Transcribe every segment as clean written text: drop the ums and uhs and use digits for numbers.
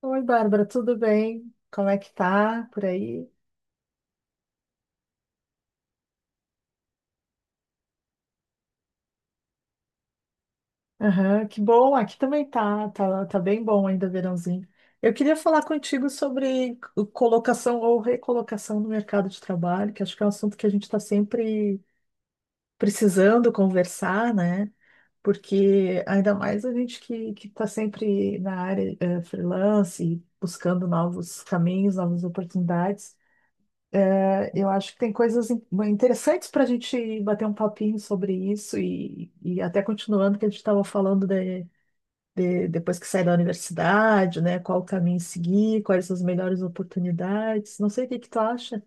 Oi, Bárbara, tudo bem? Como é que tá por aí? Aham, que bom, aqui também tá bem bom ainda, verãozinho. Eu queria falar contigo sobre colocação ou recolocação no mercado de trabalho, que acho que é um assunto que a gente está sempre precisando conversar, né? Porque ainda mais a gente que está sempre na área freelance, buscando novos caminhos, novas oportunidades. Eu acho que tem coisas interessantes para a gente bater um papinho sobre isso e até continuando que a gente estava falando de depois que sai da universidade, né? Qual o caminho seguir, quais as melhores oportunidades. Não sei o que que tu acha.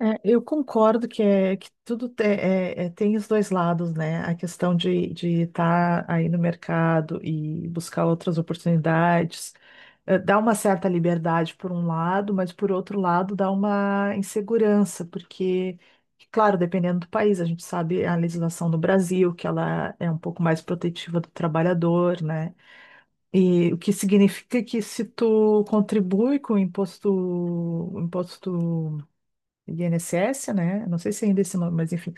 É, eu concordo que, é, que tudo tem os dois lados, né? A questão de estar aí no mercado e buscar outras oportunidades, dá uma certa liberdade por um lado, mas por outro lado dá uma insegurança, porque, claro, dependendo do país, a gente sabe a legislação no Brasil, que ela é um pouco mais protetiva do trabalhador, né? E o que significa que se tu contribui com o imposto INSS, né? Não sei se ainda é esse nome, mas enfim,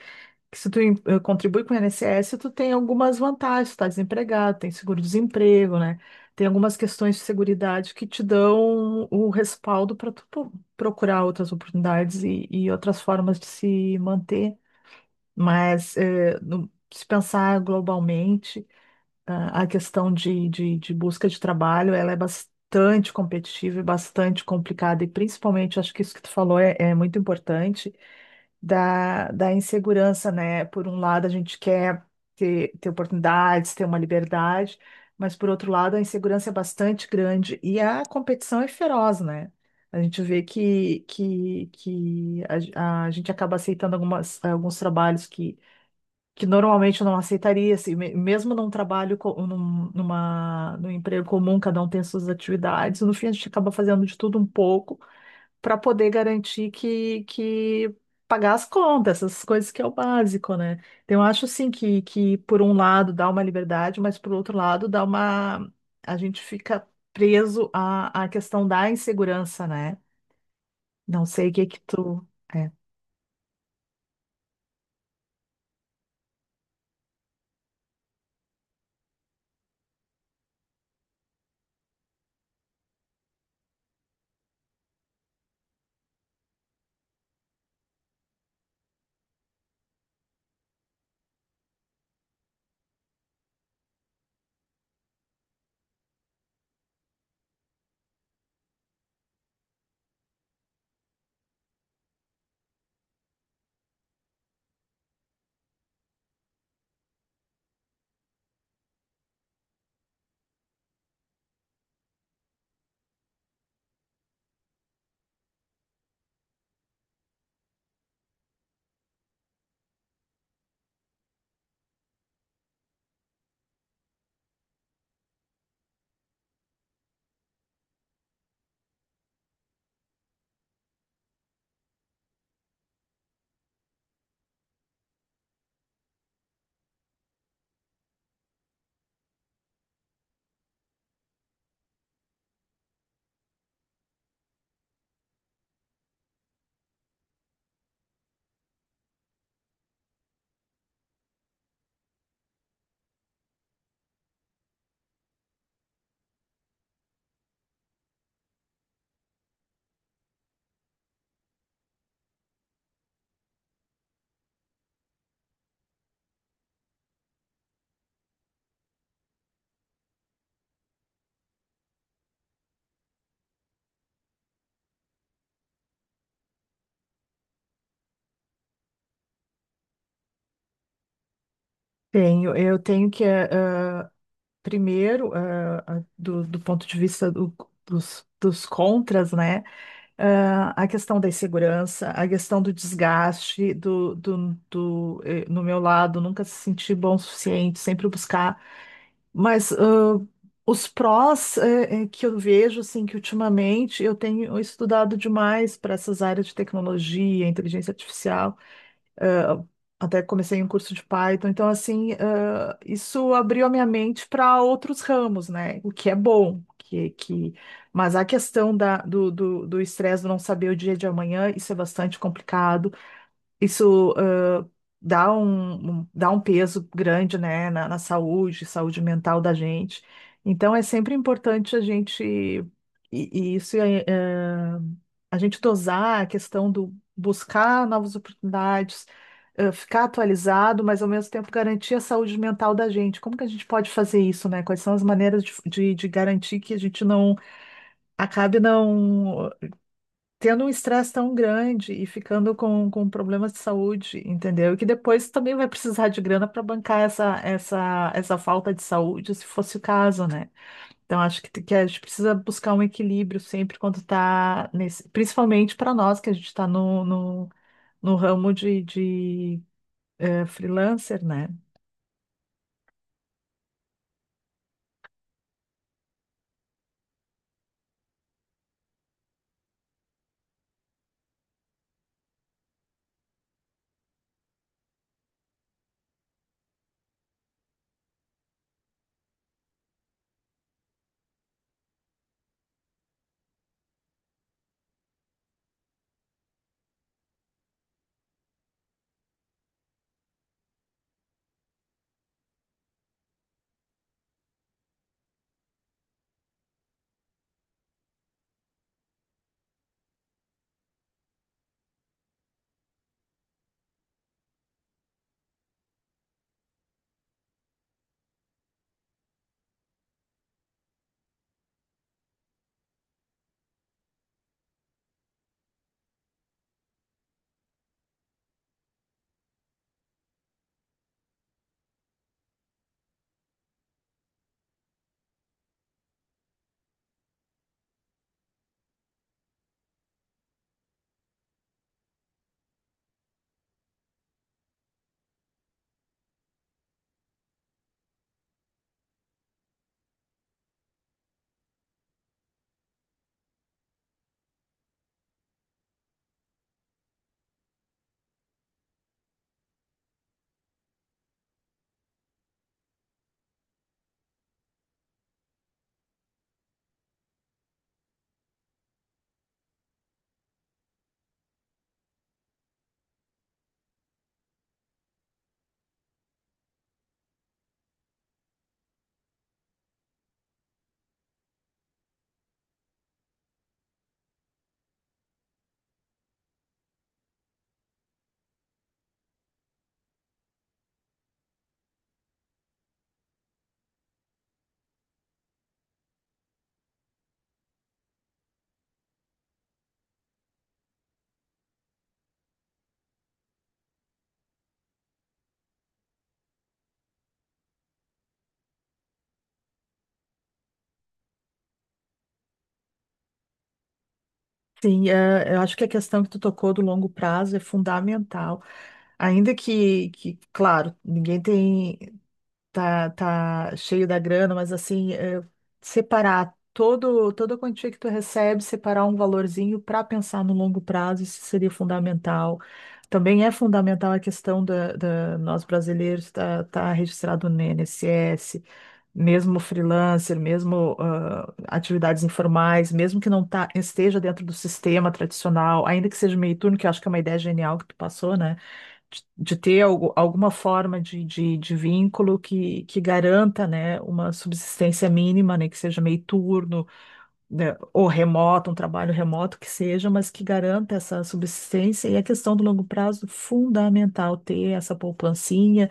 que se tu contribui com o INSS, tu tem algumas vantagens, tu tá desempregado, tem seguro-desemprego, né? Tem algumas questões de seguridade que te dão o respaldo para tu procurar outras oportunidades e outras formas de se manter. Mas se pensar globalmente, ah, a questão de busca de trabalho, ela é bastante competitiva e bastante complicada, e principalmente, acho que isso que tu falou é muito importante da insegurança, né? Por um lado, a gente quer ter oportunidades, ter uma liberdade, mas por outro lado, a insegurança é bastante grande e a competição é feroz, né? A gente vê que a gente acaba aceitando alguns trabalhos que normalmente eu não aceitaria, assim, mesmo num trabalho, num emprego comum, cada um tem suas atividades, no fim a gente acaba fazendo de tudo um pouco para poder garantir que pagar as contas, essas coisas que é o básico, né? Então, eu acho assim que por um lado dá uma liberdade, mas por outro lado dá uma. A gente fica preso à questão da insegurança, né? Não sei o que que tu. É. Tenho, eu tenho que, primeiro, do, do ponto de vista dos contras, né? Ah, a questão da insegurança, a questão do desgaste, no meu lado, nunca se sentir bom o suficiente, sempre buscar. Mas os prós, que eu vejo, assim, que ultimamente eu tenho estudado demais para essas áreas de tecnologia, inteligência artificial. Até comecei um curso de Python, então assim, ah, isso abriu a minha mente para outros ramos, né? O que é bom, que... mas a questão do estresse, do não saber o dia de amanhã, isso é bastante complicado. Isso dá dá um peso grande, né, na, na saúde, saúde mental da gente. Então é sempre importante a gente, e isso é, a gente dosar a questão do buscar novas oportunidades, ficar atualizado, mas ao mesmo tempo garantir a saúde mental da gente. Como que a gente pode fazer isso, né? Quais são as maneiras de garantir que a gente não acabe não tendo um estresse tão grande e ficando com problemas de saúde, entendeu? E que depois também vai precisar de grana para bancar essa falta de saúde, se fosse o caso, né? Então, acho que a gente precisa buscar um equilíbrio sempre quando está nesse, principalmente para nós que a gente está no ramo de freelancer, né? Sim, eh, eu acho que a questão que tu tocou do longo prazo é fundamental. Ainda que, claro, ninguém tem. Tá, tá cheio da grana, mas assim, é, separar todo, toda a quantia que tu recebe, separar um valorzinho para pensar no longo prazo, isso seria fundamental. Também é fundamental a questão da nós brasileiros estar tá registrado no INSS, mesmo freelancer, mesmo ah, atividades informais, mesmo que não esteja dentro do sistema tradicional, ainda que seja meio turno, que eu acho que é uma ideia genial que tu passou, né? De ter alguma forma de vínculo que garanta, né, uma subsistência mínima, né, que seja meio turno, né, ou remoto, um trabalho remoto que seja, mas que garanta essa subsistência. E a questão do longo prazo, fundamental ter essa poupancinha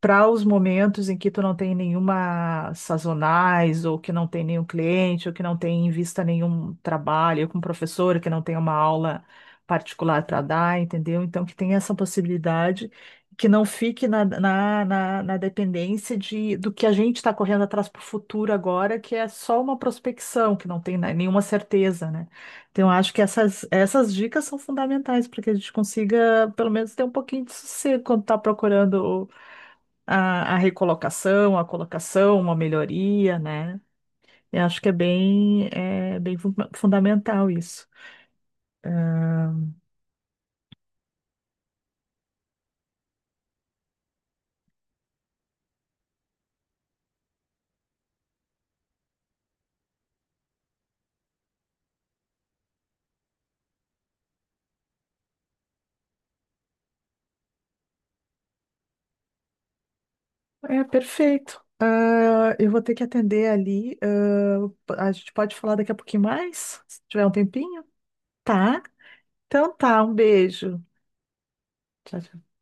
para os momentos em que tu não tem nenhuma sazonais, ou que não tem nenhum cliente, ou que não tem em vista nenhum trabalho com um professor, que não tem uma aula particular para dar, entendeu? Então, que tem essa possibilidade, que não fique na dependência de, do que a gente está correndo atrás para o futuro agora, que é só uma prospecção, que não tem né, nenhuma certeza, né? Então, eu acho que essas dicas são fundamentais para que a gente consiga, pelo menos, ter um pouquinho de sossego quando está procurando a recolocação, a colocação, uma melhoria, né? Eu acho que é bem fundamental isso. É perfeito. Ah, eu vou ter que atender ali. Ah, a gente pode falar daqui a pouquinho mais, se tiver um tempinho. Tá? Então tá, um beijo. Tchau, tchau.